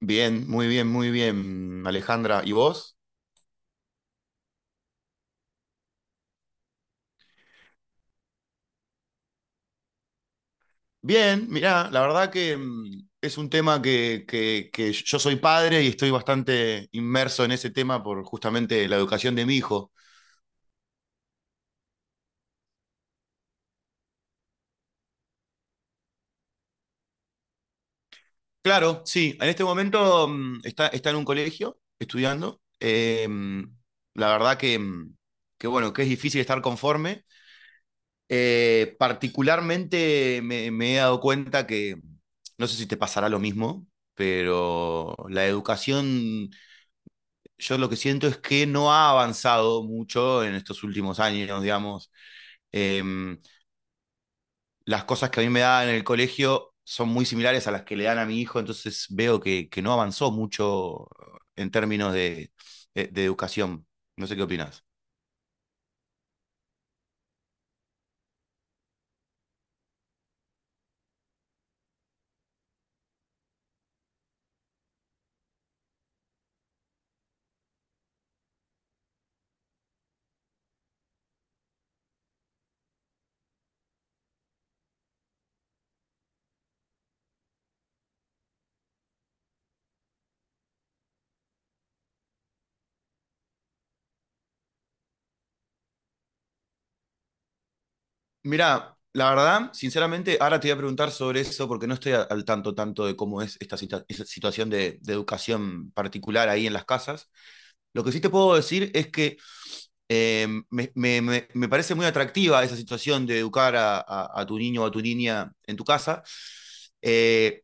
Bien, muy bien, muy bien, Alejandra. ¿Y vos? Bien, mirá, la verdad que es un tema que yo soy padre y estoy bastante inmerso en ese tema por justamente la educación de mi hijo. Claro, sí, en este momento está en un colegio estudiando. La verdad que bueno, que es difícil estar conforme. Particularmente me he dado cuenta no sé si te pasará lo mismo, pero la educación yo lo que siento es que no ha avanzado mucho en estos últimos años, digamos. Eh, las cosas que a mí me daban en el colegio son muy similares a las que le dan a mi hijo, entonces veo que no avanzó mucho en términos de, de educación. No sé qué opinas. Mira, la verdad, sinceramente, ahora te voy a preguntar sobre eso porque no estoy al tanto tanto de cómo es esta esa situación de educación particular ahí en las casas. Lo que sí te puedo decir es que me parece muy atractiva esa situación de educar a, a tu niño o a tu niña en tu casa. Eh,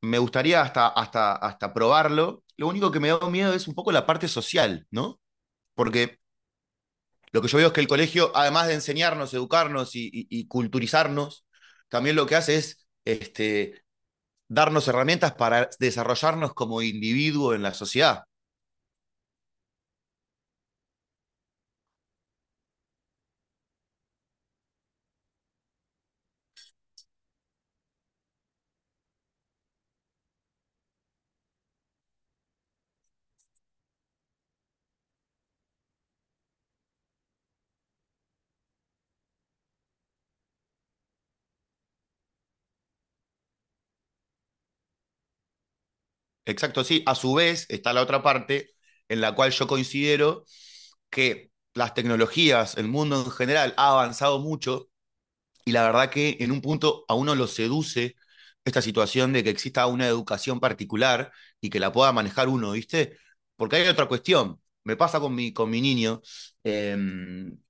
me gustaría hasta probarlo. Lo único que me da miedo es un poco la parte social, ¿no? Porque lo que yo veo es que el colegio, además de enseñarnos, educarnos y, y culturizarnos, también lo que hace es darnos herramientas para desarrollarnos como individuo en la sociedad. Exacto, sí. A su vez está la otra parte en la cual yo considero que las tecnologías, el mundo en general, ha avanzado mucho y la verdad que en un punto a uno lo seduce esta situación de que exista una educación particular y que la pueda manejar uno, ¿viste? Porque hay otra cuestión, me pasa con con mi niño, eh,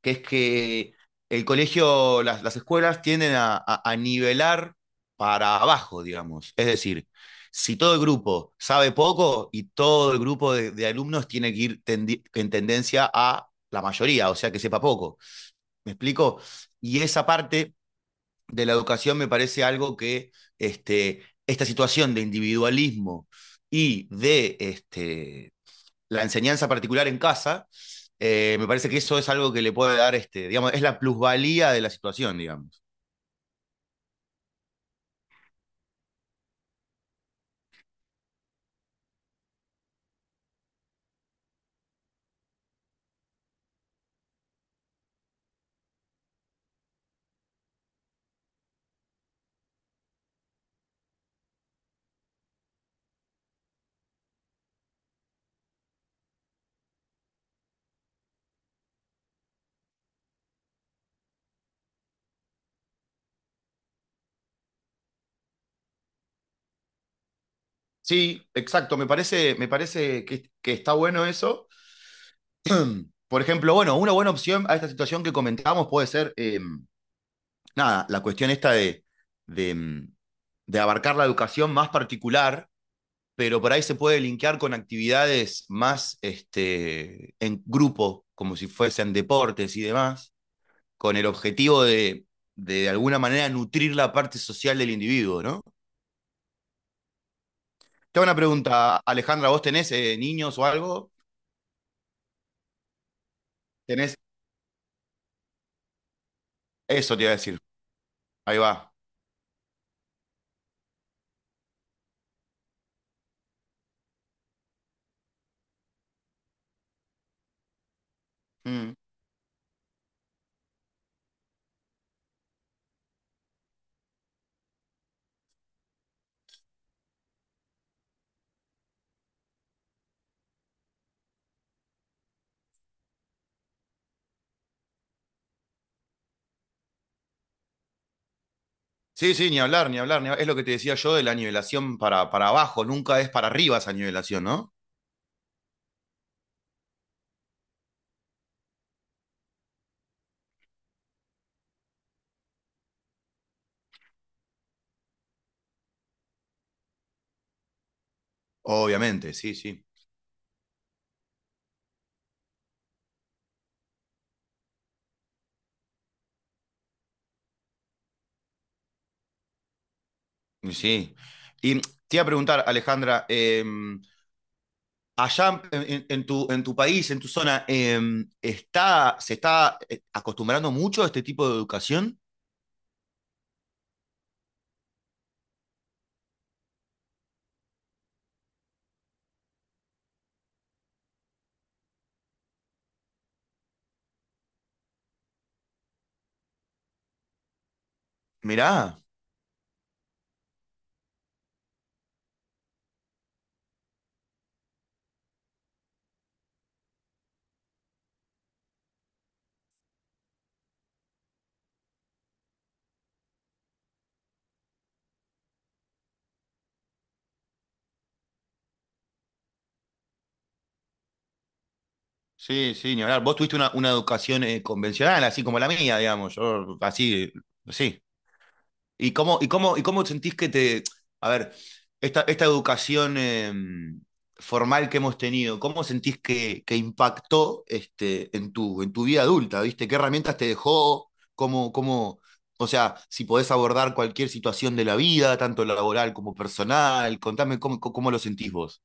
que es que el colegio, las escuelas tienden a, a nivelar para abajo, digamos. Es decir, si todo el grupo sabe poco y todo el grupo de alumnos tiene que ir en tendencia a la mayoría, o sea, que sepa poco. ¿Me explico? Y esa parte de la educación me parece algo que esta situación de individualismo y de la enseñanza particular en casa, me parece que eso es algo que le puede dar, este, digamos, es la plusvalía de la situación, digamos. Sí, exacto, me parece que está bueno eso. Por ejemplo, bueno, una buena opción a esta situación que comentábamos puede ser, nada, la cuestión esta de, de abarcar la educación más particular, pero por ahí se puede linkear con actividades más este, en grupo, como si fuesen deportes y demás, con el objetivo de alguna manera nutrir la parte social del individuo, ¿no? Tengo una pregunta, Alejandra, ¿vos tenés niños o algo? ¿Tenés? Eso te iba a decir, ahí va. Mm. Sí, sí, ni hablar, ni hablar, ni hablar. Es lo que te decía yo de la nivelación para abajo, nunca es para arriba esa nivelación, ¿no? Obviamente, sí, sí. Sí. Y te iba a preguntar, Alejandra, allá tu, en tu país, en tu zona, está, ¿se está acostumbrando mucho a este tipo de educación? Mirá, sí, sí, ni hablar. Vos tuviste una educación convencional, así como la mía, digamos, yo así, sí. ¿Y cómo, y cómo, y cómo sentís que te... A ver, esta educación formal que hemos tenido, ¿cómo sentís que impactó este, en tu vida adulta? ¿Viste? ¿Qué herramientas te dejó? ¿Cómo, cómo, o sea, si podés abordar cualquier situación de la vida, tanto laboral como personal, contame cómo, cómo lo sentís vos.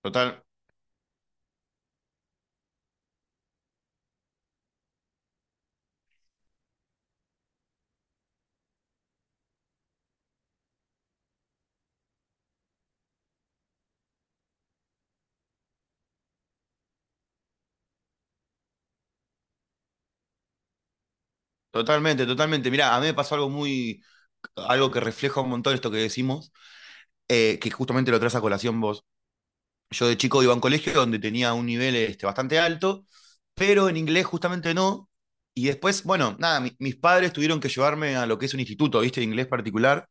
Total, totalmente, totalmente. Mirá, a mí me pasó algo muy, algo que refleja un montón esto que decimos, que justamente lo traes a colación vos. Yo de chico iba a un colegio donde tenía un nivel este, bastante alto, pero en inglés justamente no. Y después, bueno, nada, mis padres tuvieron que llevarme a lo que es un instituto, ¿viste? De inglés particular.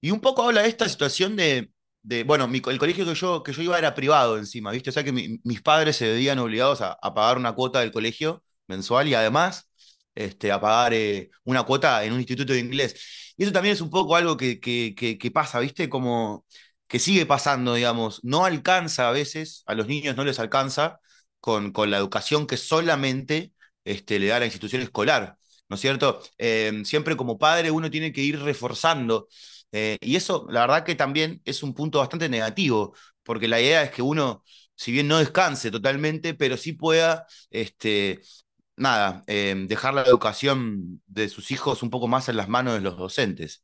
Y un poco habla de esta situación de bueno, el colegio que yo iba era privado encima, ¿viste? O sea que mis padres se veían obligados a pagar una cuota del colegio mensual y además este, a pagar una cuota en un instituto de inglés. Y eso también es un poco algo que pasa, ¿viste? Como que sigue pasando, digamos, no alcanza a veces, a los niños no les alcanza con la educación que solamente este, le da la institución escolar, ¿no es cierto? Siempre como padre uno tiene que ir reforzando. Y eso, la verdad que también es un punto bastante negativo, porque la idea es que uno, si bien no descanse totalmente, pero sí pueda, este, nada, dejar la educación de sus hijos un poco más en las manos de los docentes.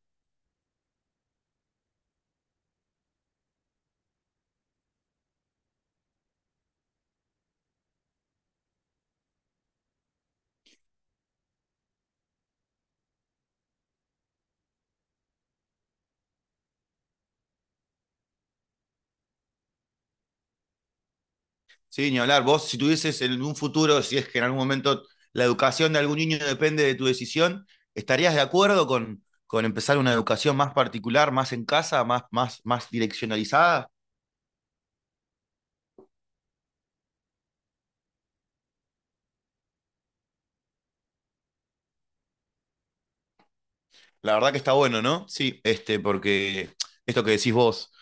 Sí, ni hablar. Vos, si tuvieses en un futuro, si es que en algún momento la educación de algún niño depende de tu decisión, ¿estarías de acuerdo con empezar una educación más particular, más en casa, más, más, más direccionalizada? La verdad que está bueno, ¿no? Sí, este, porque esto que decís vos,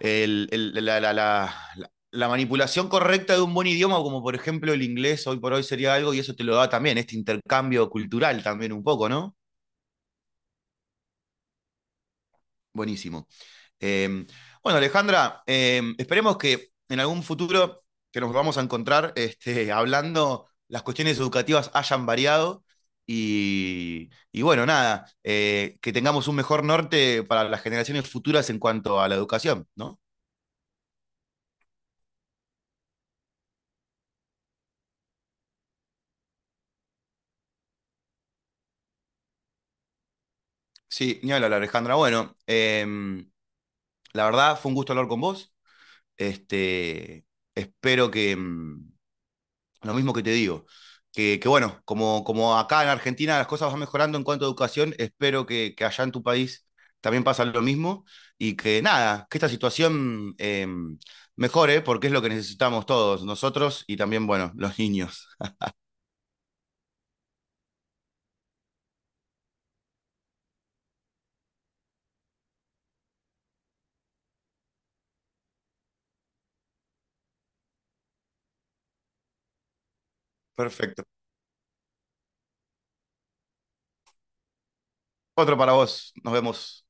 el- el- la, la- la- la manipulación correcta de un buen idioma, como por ejemplo el inglés, hoy por hoy sería algo, y eso te lo da también, este intercambio cultural también un poco, ¿no? Buenísimo. Eh, bueno, Alejandra, esperemos que en algún futuro que nos vamos a encontrar este, hablando, las cuestiones educativas hayan variado y bueno, nada, que tengamos un mejor norte para las generaciones futuras en cuanto a la educación, ¿no? Sí, ni hablar, Alejandra. Bueno, la verdad fue un gusto hablar con vos. Este, espero que, lo mismo que te digo. Bueno, como, como acá en Argentina las cosas van mejorando en cuanto a educación, espero que allá en tu país también pasa lo mismo y que nada, que esta situación mejore porque es lo que necesitamos todos, nosotros y también, bueno, los niños. Perfecto. Otro para vos, nos vemos.